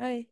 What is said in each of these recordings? Hi.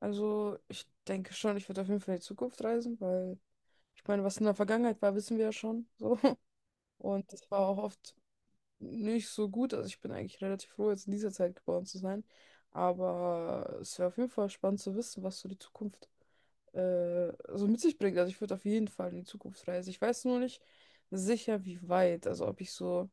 Also, ich denke schon, ich würde auf jeden Fall in die Zukunft reisen, weil ich meine, was in der Vergangenheit war, wissen wir ja schon. So. Und das war auch oft nicht so gut. Also, ich bin eigentlich relativ froh, jetzt in dieser Zeit geboren zu sein. Aber es wäre auf jeden Fall spannend zu wissen, was so die Zukunft so mit sich bringt. Also, ich würde auf jeden Fall in die Zukunft reisen. Ich weiß nur nicht sicher, wie weit. Also, ob ich so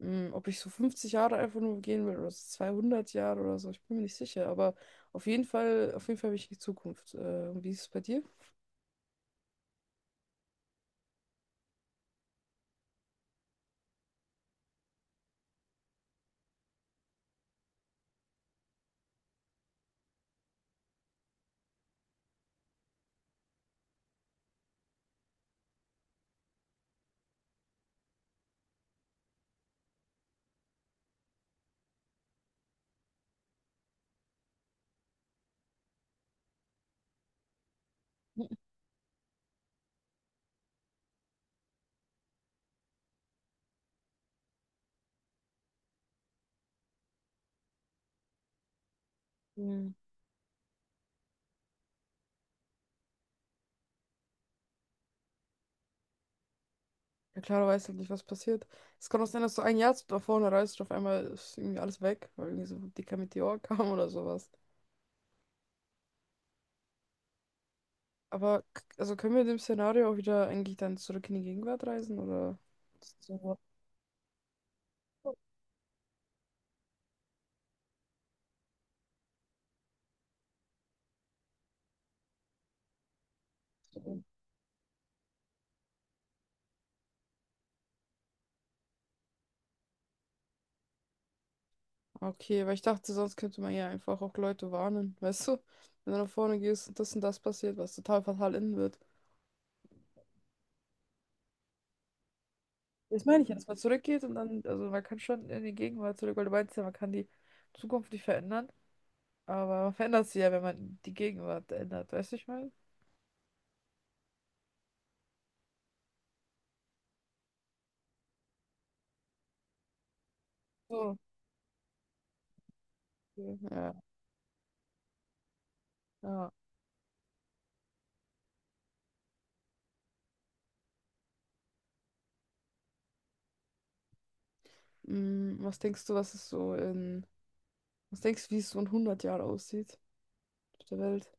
Mm, Ob ich so 50 Jahre einfach nur gehen will oder so 200 Jahre oder so, ich bin mir nicht sicher. Aber auf jeden Fall will ich in die Zukunft. Und wie ist es bei dir? Hm. Ja, klar, du weißt halt nicht, was passiert. Es kann auch sein, dass du ein Jahr da vorne reist und auf einmal ist irgendwie alles weg, weil irgendwie so ein dicker Meteor kam oder sowas. Aber also können wir in dem Szenario auch wieder eigentlich dann zurück in die Gegenwart reisen oder? So. Okay, weil ich dachte, sonst könnte man ja einfach auch Leute warnen, weißt du? Wenn du nach vorne gehst und das passiert, was total fatal enden wird. Das meine ich ja, dass man zurückgeht und dann, also man kann schon in die Gegenwart zurück, weil du meinst ja, man kann die Zukunft nicht verändern, aber man verändert sie ja, wenn man die Gegenwart ändert, weißt du, ich meine? So, okay, ja, ja. Mm, was denkst du, was es so in, Was denkst du, wie es so in 100 Jahren aussieht auf der Welt?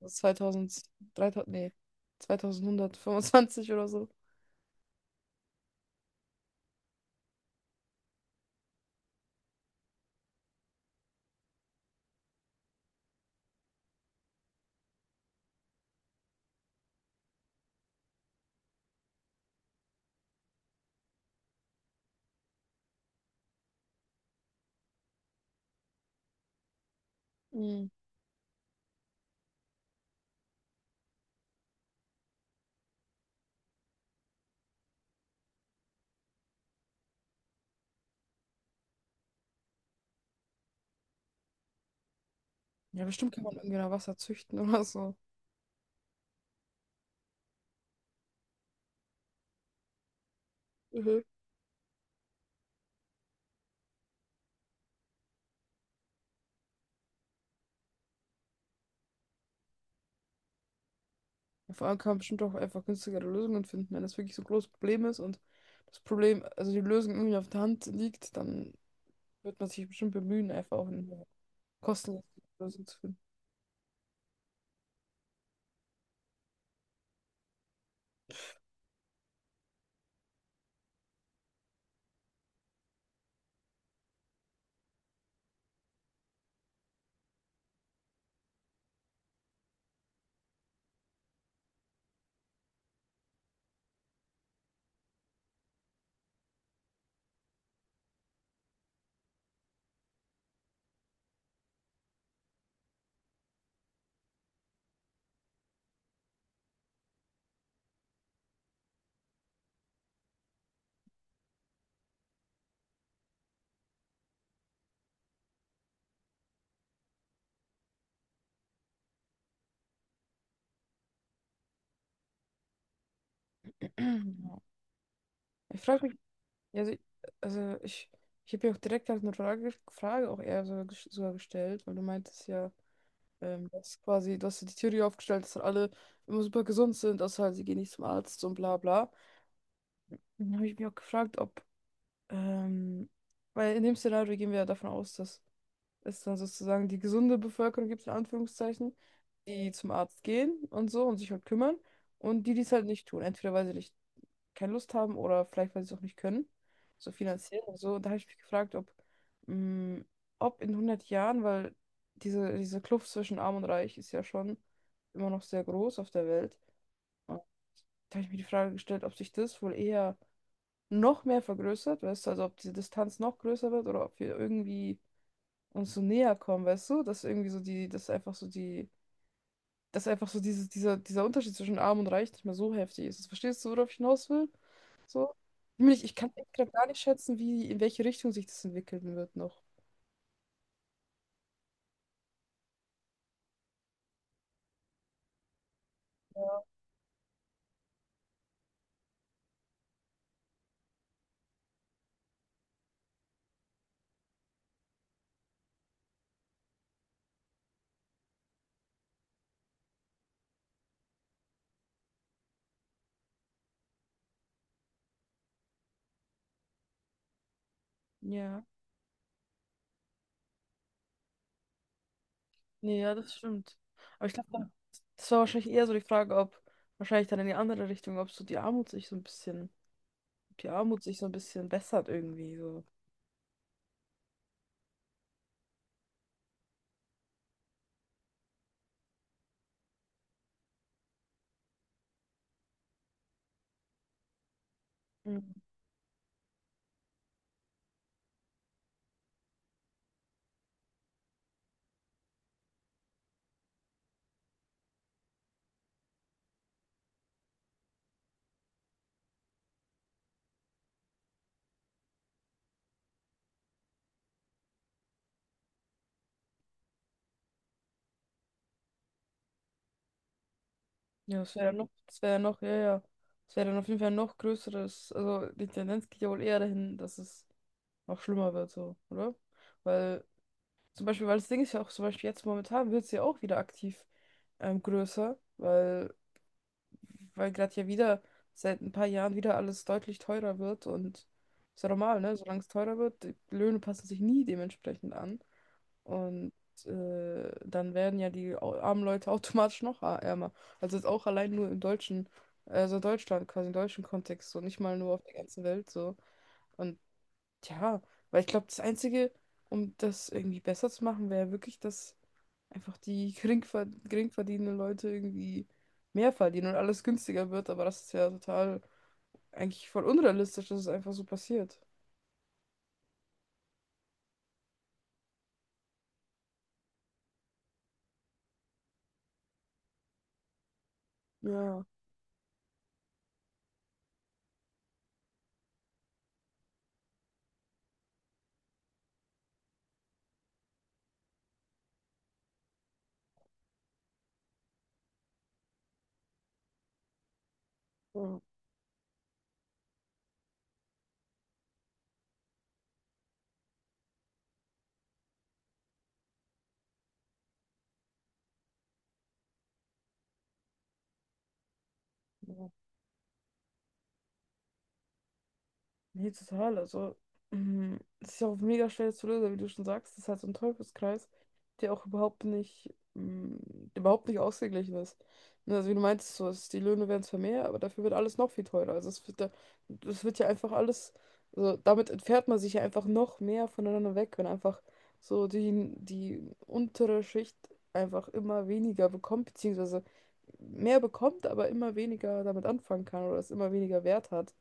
Also 2000, 3000, nee, 2125 oder so. Mhm. Ja, bestimmt kann man irgendwie noch Wasser züchten oder so. Ja, vor allem kann man bestimmt auch einfach günstigere Lösungen finden. Wenn das wirklich so ein großes Problem ist und das Problem, also die Lösung irgendwie auf der Hand liegt, dann wird man sich bestimmt bemühen, einfach auch eine kostenlose Lösung zu finden. Ich frage mich, also, also ich, ich habe ja auch direkt halt eine Frage auch eher sogar, sogar gestellt, weil du meintest ja, dass quasi, du hast ja die Theorie aufgestellt, dass halt alle immer super gesund sind, außer halt, sie gehen nicht zum Arzt und bla bla. Dann habe ich mich auch gefragt, ähm, weil in dem Szenario gehen wir ja davon aus, dass ist dann sozusagen die gesunde Bevölkerung, gibt es in Anführungszeichen, die zum Arzt gehen und so und sich halt kümmern und die, die es halt nicht tun. Entweder weil sie nicht keine Lust haben oder vielleicht, weil sie es auch nicht können, so finanziell und so. Und da habe ich mich gefragt, mh, ob in 100 Jahren, weil diese Kluft zwischen Arm und Reich ist ja schon immer noch sehr groß auf der Welt. Und da habe ich mir die Frage gestellt, ob sich das wohl eher noch mehr vergrößert, weißt du, also ob diese Distanz noch größer wird oder ob wir irgendwie uns so näher kommen, weißt du? Dass irgendwie so dieses, dieser Unterschied zwischen Arm und Reich nicht mehr so heftig ist. Verstehst du, worauf ich hinaus will? So? Ich meine, ich kann echt grad gar nicht schätzen, wie, in welche Richtung sich das entwickeln wird noch. Ja, nee, ja, das stimmt. Aber ich glaube, das war wahrscheinlich eher so die Frage, ob wahrscheinlich dann in die andere Richtung, ob so die Armut sich so ein bisschen, ob die Armut sich so ein bisschen bessert irgendwie so. Ja, das wäre ja noch, ja, ja. Das wäre dann auf jeden Fall noch größeres, also die Tendenz geht ja wohl eher dahin, dass es noch schlimmer wird, so, oder? Weil, weil das Ding ist ja auch zum Beispiel jetzt momentan wird es ja auch wieder aktiv größer, weil gerade ja wieder seit ein paar Jahren wieder alles deutlich teurer wird und ist ja normal, ne? Solange es teurer wird, die Löhne passen sich nie dementsprechend an. Und dann werden ja die armen Leute automatisch noch ärmer. Also jetzt auch allein nur im deutschen, also Deutschland, quasi im deutschen Kontext, so nicht mal nur auf der ganzen Welt so. Und ja, weil ich glaube, das Einzige, um das irgendwie besser zu machen, wäre wirklich, dass einfach die geringverdienenden Leute irgendwie mehr verdienen und alles günstiger wird. Aber das ist ja total eigentlich voll unrealistisch, dass es einfach so passiert. Ja, ja, ja. Nee, total. Also, mm, es ist ja auch mega schwer zu lösen, wie du schon sagst. Das ist halt so ein Teufelskreis, der auch überhaupt nicht, mm, der überhaupt nicht ausgeglichen ist. Ne, also, wie du meintest, so, es, die Löhne werden zwar mehr, aber dafür wird alles noch viel teurer. Also das wird ja einfach alles, also, damit entfernt man sich ja einfach noch mehr voneinander weg, wenn einfach die untere Schicht einfach immer weniger bekommt, beziehungsweise mehr bekommt, aber immer weniger damit anfangen kann oder es immer weniger Wert hat.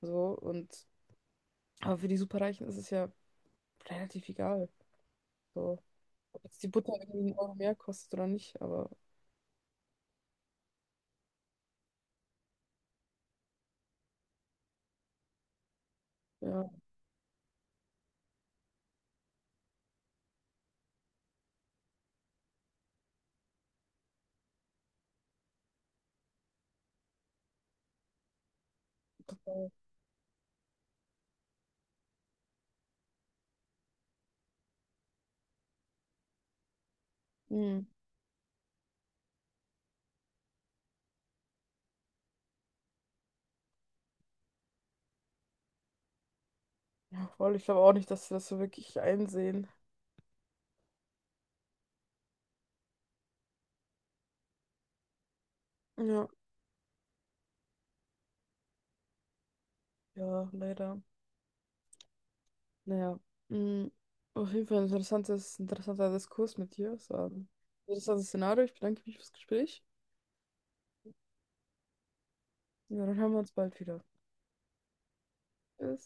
So, und aber für die Superreichen ist es ja relativ egal. So, ob jetzt die Butter irgendwie einen Euro mehr kostet oder nicht, aber ja, total. Hm. Ja, voll. Ich glaube auch nicht, dass sie das so wirklich einsehen. Ja, ja, leider. Naja. Hm. Auf jeden Fall ein interessanter Diskurs mit dir. Es war ein interessantes Szenario. Ich bedanke mich fürs Gespräch. Ja, dann hören wir uns bald wieder. Tschüss.